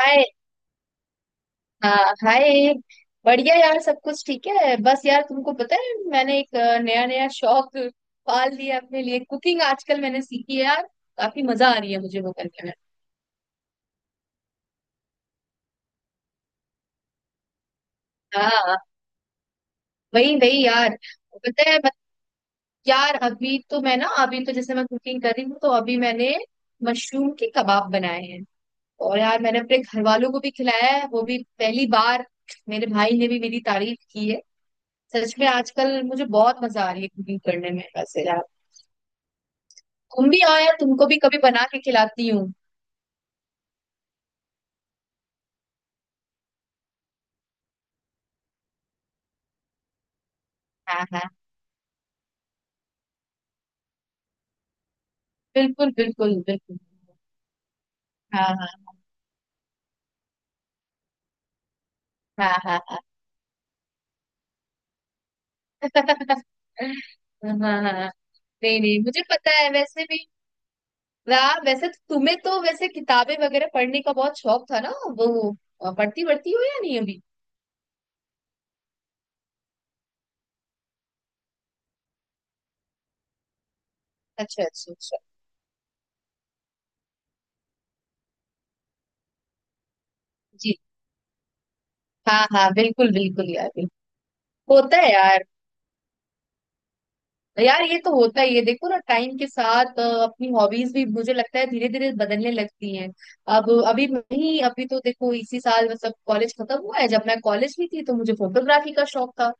हाय। हाँ, हाय। बढ़िया यार, सब कुछ ठीक है। बस यार तुमको पता है मैंने एक नया नया शौक पाल लिया अपने लिए। कुकिंग आजकल मैंने सीखी है यार। काफी मजा आ रही है मुझे वो करने में। हाँ, वही वही यार। पता है मत, यार अभी तो मैं ना, अभी तो जैसे मैं कुकिंग कर रही हूँ तो अभी मैंने मशरूम के कबाब बनाए हैं। और यार मैंने अपने घर वालों को भी खिलाया है, वो भी पहली बार। मेरे भाई ने भी मेरी तारीफ की है। सच में आजकल मुझे बहुत मजा आ रही है कुकिंग करने में वैसे यार। तुम भी आओ यार, तुमको भी कभी बना के खिलाती हूँ। हाँ हाँ। बिल्कुल बिल्कुल बिल्कुल। हाँ हाँ हाँ हाँ। हाँ हाँ हाँ हाँ। नहीं नहीं, मुझे पता है वैसे भी। वाह, वैसे तो तुम्हें तो वैसे किताबें वगैरह पढ़ने का बहुत शौक था ना वो। पढ़ती पढ़ती हो या नहीं अभी? अच्छा अच्छा अच्छा। जी हाँ हाँ, बिल्कुल बिल्कुल यार। बिल्कुल होता है यार। यार ये तो होता ही है, देखो ना, टाइम के साथ अपनी हॉबीज भी मुझे लगता है धीरे धीरे बदलने लगती हैं। अब अभी नहीं, अभी तो देखो इसी साल मतलब कॉलेज खत्म हुआ है। जब मैं कॉलेज में थी तो मुझे फोटोग्राफी का शौक था।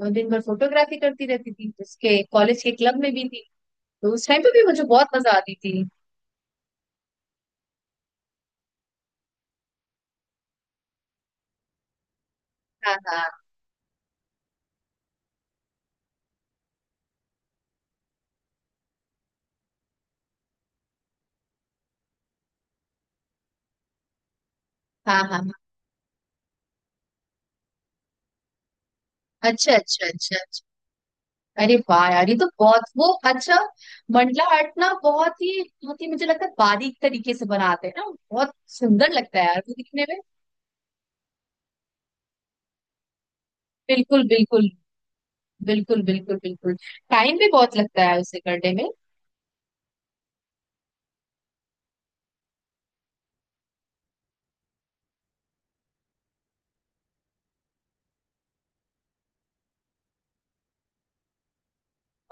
मैं दिन भर फोटोग्राफी करती रहती थी, उसके कॉलेज के क्लब में भी थी। तो उस टाइम पे भी मुझे बहुत मजा आती थी। हाँ हाँ हाँ हाँ हाँ। अच्छा अच्छा अच्छा अच्छा। अरे वाह यार, ये तो बहुत वो अच्छा। मंडला आर्ट ना बहुत ही मुझे लगता है बारीक तरीके से बनाते हैं ना। बहुत सुंदर लगता है यार वो दिखने में। बिल्कुल बिल्कुल। बिल्कुल बिल्कुल बिल्कुल। टाइम भी बहुत लगता है उसे करने में।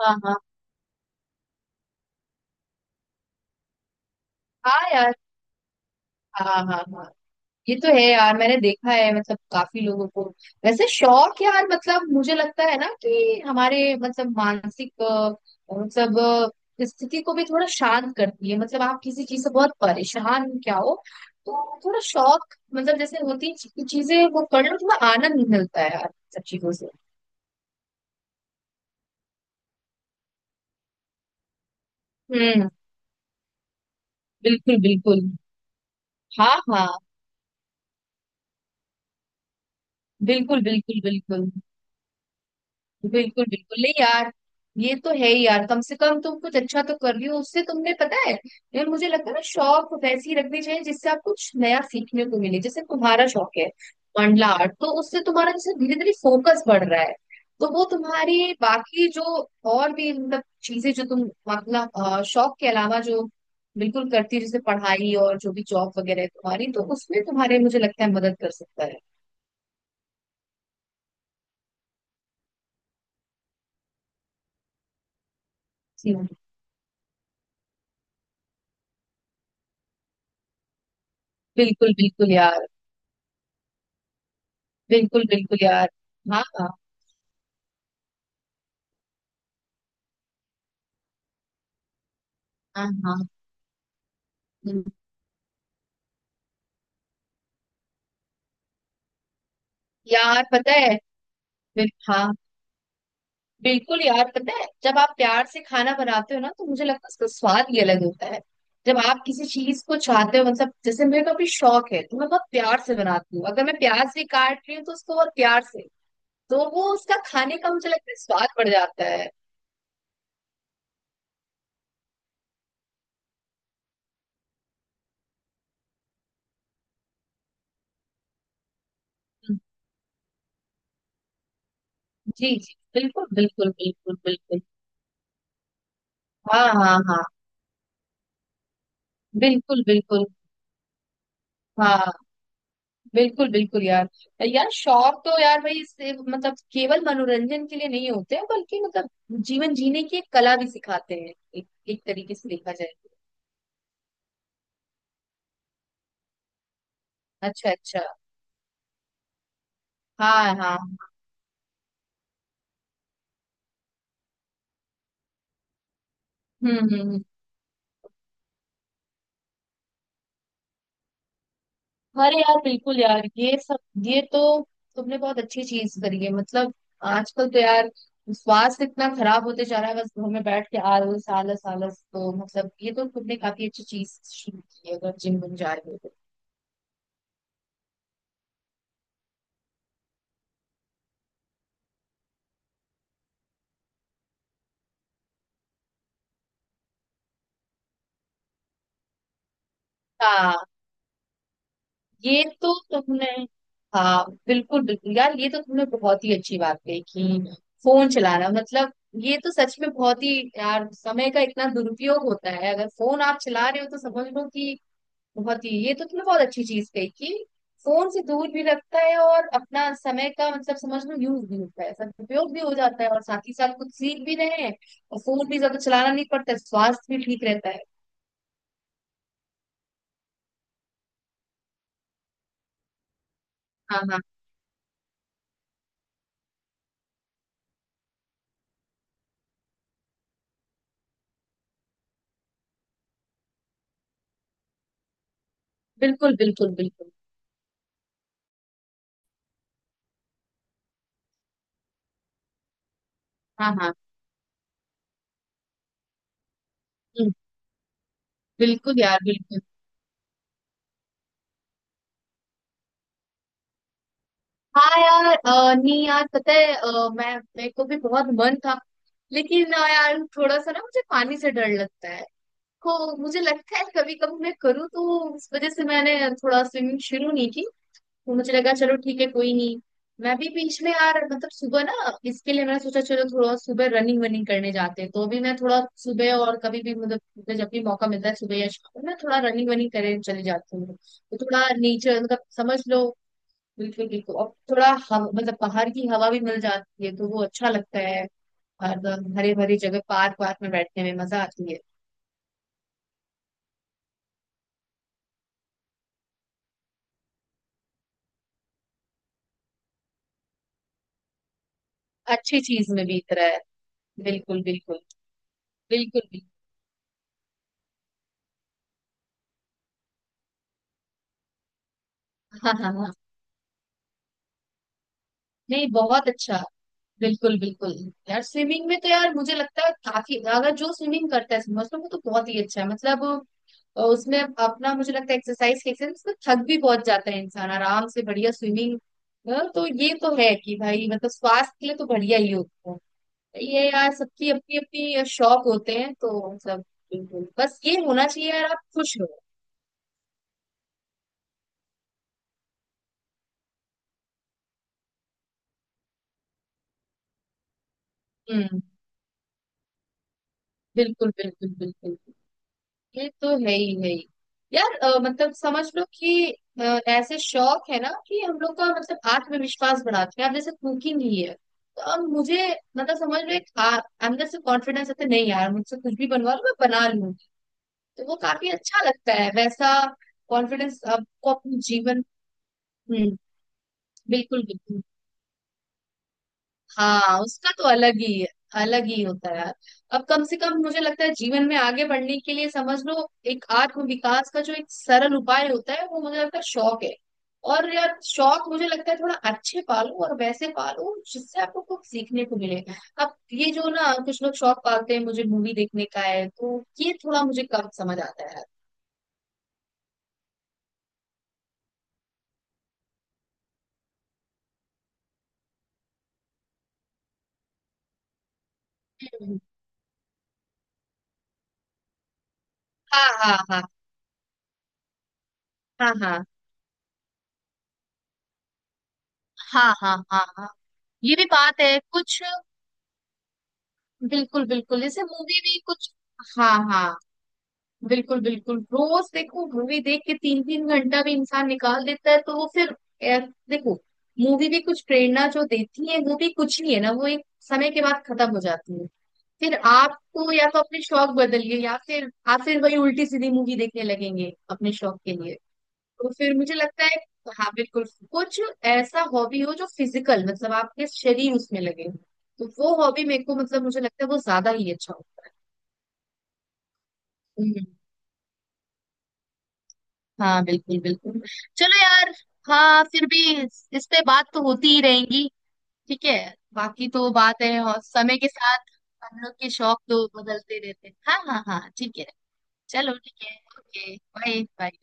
हाँ हाँ हाँ यार। हाँ हाँ हाँ। ये तो है यार, मैंने देखा है मतलब काफी लोगों को। वैसे शौक यार, मतलब मुझे लगता है ना कि हमारे मतलब मानसिक मतलब स्थिति को भी थोड़ा शांत करती है। मतलब आप किसी चीज से बहुत परेशान क्या हो, तो थोड़ा शौक मतलब जैसे होती है चीजें वो कर लो, थोड़ा आनंद मिलता है यार सब चीजों से। हम्म बिल्कुल बिल्कुल। हाँ हाँ। बिल्कुल बिल्कुल बिल्कुल। बिल्कुल बिल्कुल नहीं यार। ये तो है ही यार, कम से कम तुम कुछ अच्छा तो कर रही हो उससे। तुमने पता है यार, मुझे लगता है ना शौक वैसे ही रखने चाहिए जिससे आप कुछ नया सीखने को मिले। जैसे तुम्हारा शौक है मंडला आर्ट, तो उससे तुम्हारा जैसे धीरे धीरे फोकस बढ़ रहा है। तो वो तुम्हारी बाकी जो और भी मतलब चीजें जो तुम मतलब शौक के अलावा जो बिल्कुल करती है जैसे पढ़ाई और जो भी जॉब वगैरह है तुम्हारी, तो उसमें तुम्हारे मुझे लगता है मदद कर सकता है। जी हाँ। बिल्कुल बिल्कुल यार। बिल्कुल बिल्कुल यार। हाँ हाँ हाँ हाँ। हम्म। यार पता है। हाँ, बिल्कुल यार पता है, जब आप प्यार से खाना बनाते हो ना तो मुझे लगता है उसका स्वाद ही अलग होता है। जब आप किसी चीज को चाहते हो, मतलब जैसे मेरे को अभी शौक है तो मैं बहुत प्यार से बनाती हूँ। अगर मैं प्याज भी काट रही हूँ तो उसको बहुत प्यार से, तो वो उसका खाने का मुझे लगता है स्वाद बढ़ जाता है। हम्म, जी जी। बिल्कुल बिल्कुल बिल्कुल बिल्कुल। हाँ हाँ हाँ। बिल्कुल बिल्कुल। हाँ बिल्कुल। बिल्कुल यार। यार शौक तो यार भाई इससे मतलब केवल मनोरंजन के लिए नहीं होते हैं, बल्कि मतलब जीवन जीने की एक कला भी सिखाते हैं एक, एक तरीके से देखा जाए तो। अच्छा अच्छा। हाँ हाँ। हम्म हम्म हम्म। अरे यार, बिल्कुल यार ये सब, ये तो तुमने बहुत अच्छी चीज करी है मतलब। आजकल तो यार स्वास्थ्य इतना खराब होते जा रहा है, बस घर में बैठ के आलस आलस आलस, तो मतलब ये तो तुमने काफी अच्छी चीज शुरू की है अगर जिम बन जा रहे हो तो। हाँ। ये तो तुमने, हाँ बिल्कुल बिल्कुल यार, ये तो तुमने बहुत ही अच्छी बात कही कि फोन चलाना मतलब, ये तो सच में बहुत ही यार समय का इतना दुरुपयोग होता है अगर फोन आप चला रहे हो तो। समझ लो कि बहुत ही, ये तो तुमने बहुत अच्छी चीज कही कि फोन से दूर भी रखता है और अपना समय का मतलब समझ लो यूज भी होता है, सदुपयोग भी हो जाता है और साथ ही साथ कुछ सीख भी रहे हैं और फोन भी ज्यादा चलाना नहीं पड़ता है, स्वास्थ्य भी ठीक रहता है। हाँ हाँ। बिल्कुल बिल्कुल बिल्कुल। हाँ हाँ। हम्म, बिल्कुल यार, बिल्कुल। हाँ यार, नहीं यार पता है, मैं मेरे को भी बहुत मन था। लेकिन ना यार थोड़ा सा ना मुझे पानी से डर लगता है। तो मुझे लगता है कभी कभी मैं करूँ तो, इस वजह से मैंने थोड़ा स्विमिंग शुरू नहीं की। तो मुझे लगा चलो ठीक है, कोई नहीं। मैं भी बीच में यार मतलब सुबह ना, इसके लिए मैंने सोचा चलो थोड़ा सुबह रनिंग वनिंग करने जाते हैं, तो भी मैं थोड़ा सुबह और कभी भी मतलब मुझे जब भी मौका मिलता है सुबह या शाम को मैं थोड़ा रनिंग वनिंग करने चली जाती हूँ, तो थोड़ा नेचर मतलब समझ लो। बिल्कुल बिल्कुल। और थोड़ा हवा मतलब बाहर की हवा भी मिल जाती है तो वो अच्छा लगता है। और हरे भरे जगह पार्क वार्क में बैठने में मजा आती है। अच्छी चीज में बीत रहा है। बिल्कुल बिल्कुल। बिल्कुल बिल्कुल। हाँ हाँ हाँ। नहीं, बहुत अच्छा। बिल्कुल बिल्कुल। यार स्विमिंग में तो यार मुझे लगता है काफी, अगर जो स्विमिंग करता है समझ लो वो तो बहुत ही अच्छा है मतलब। उसमें अपना मुझे लगता है एक्सरसाइज के एक्सरसाइज उसमें थक भी बहुत जाता है इंसान, आराम से बढ़िया स्विमिंग। तो ये तो है कि भाई मतलब स्वास्थ्य के लिए तो बढ़िया ही होता है। ये यार सबकी अपनी अपनी शौक होते हैं तो मतलब बिल्कुल, बस ये होना चाहिए यार आप खुश रहो। हम्म बिल्कुल बिल्कुल बिल्कुल। ये तो है ही, है ही। यार मतलब समझ लो कि अ, ऐसे शौक है ना कि हम लोग का मतलब आत्मविश्वास बढ़ाते हैं। अब जैसे कुकिंग ही है तो अब मुझे मतलब समझ लो अंदर से कॉन्फिडेंस आता है, तो नहीं यार मुझसे कुछ भी बनवा लो मैं बना लूंगी। तो वो काफी अच्छा लगता है वैसा। कॉन्फिडेंस आपको अपने जीवन। हम्म बिल्कुल बिल्कुल। हाँ, उसका तो अलग ही है, अलग ही होता है यार। अब कम से कम मुझे लगता है जीवन में आगे बढ़ने के लिए समझ लो एक आत्म विकास का जो एक सरल उपाय होता है वो मुझे लगता है शौक है। और यार शौक मुझे लगता है थोड़ा अच्छे पालो और वैसे पालो जिससे आपको कुछ सीखने को मिले। अब ये जो ना कुछ लोग शौक पालते हैं मुझे मूवी देखने का है, तो ये थोड़ा मुझे कम समझ आता है यार। हम्म। हाँ हाँ हाँ हाँ। हाँ हाँ हाँ हाँ हाँ। ये भी बात है कुछ। बिल्कुल बिल्कुल, जैसे मूवी भी कुछ। हाँ हाँ। बिल्कुल बिल्कुल, रोज देखो मूवी देख के तीन तीन घंटा भी इंसान निकाल देता है, तो वो फिर ए, देखो मूवी भी कुछ प्रेरणा जो देती है वो भी कुछ नहीं है ना, वो एक समय के बाद खत्म हो जाती है। फिर आपको या तो अपने शौक बदलिए या फिर आप फिर वही उल्टी सीधी मूवी देखने लगेंगे अपने शौक के लिए। तो फिर मुझे लगता है, हाँ बिल्कुल, कुछ ऐसा हॉबी हो जो फिजिकल मतलब आपके शरीर उसमें लगे, तो वो हॉबी मेरे को मतलब मुझे लगता है वो ज्यादा ही अच्छा हो। हम्म, हाँ बिल्कुल बिल्कुल। चलो यार। हाँ फिर भी, इस पे बात तो होती ही रहेंगी। ठीक है, बाकी तो बात है और समय के साथ हम लोग के शौक तो बदलते रहते हैं। हाँ हाँ हाँ ठीक है। चलो ठीक है, ओके, बाय बाय।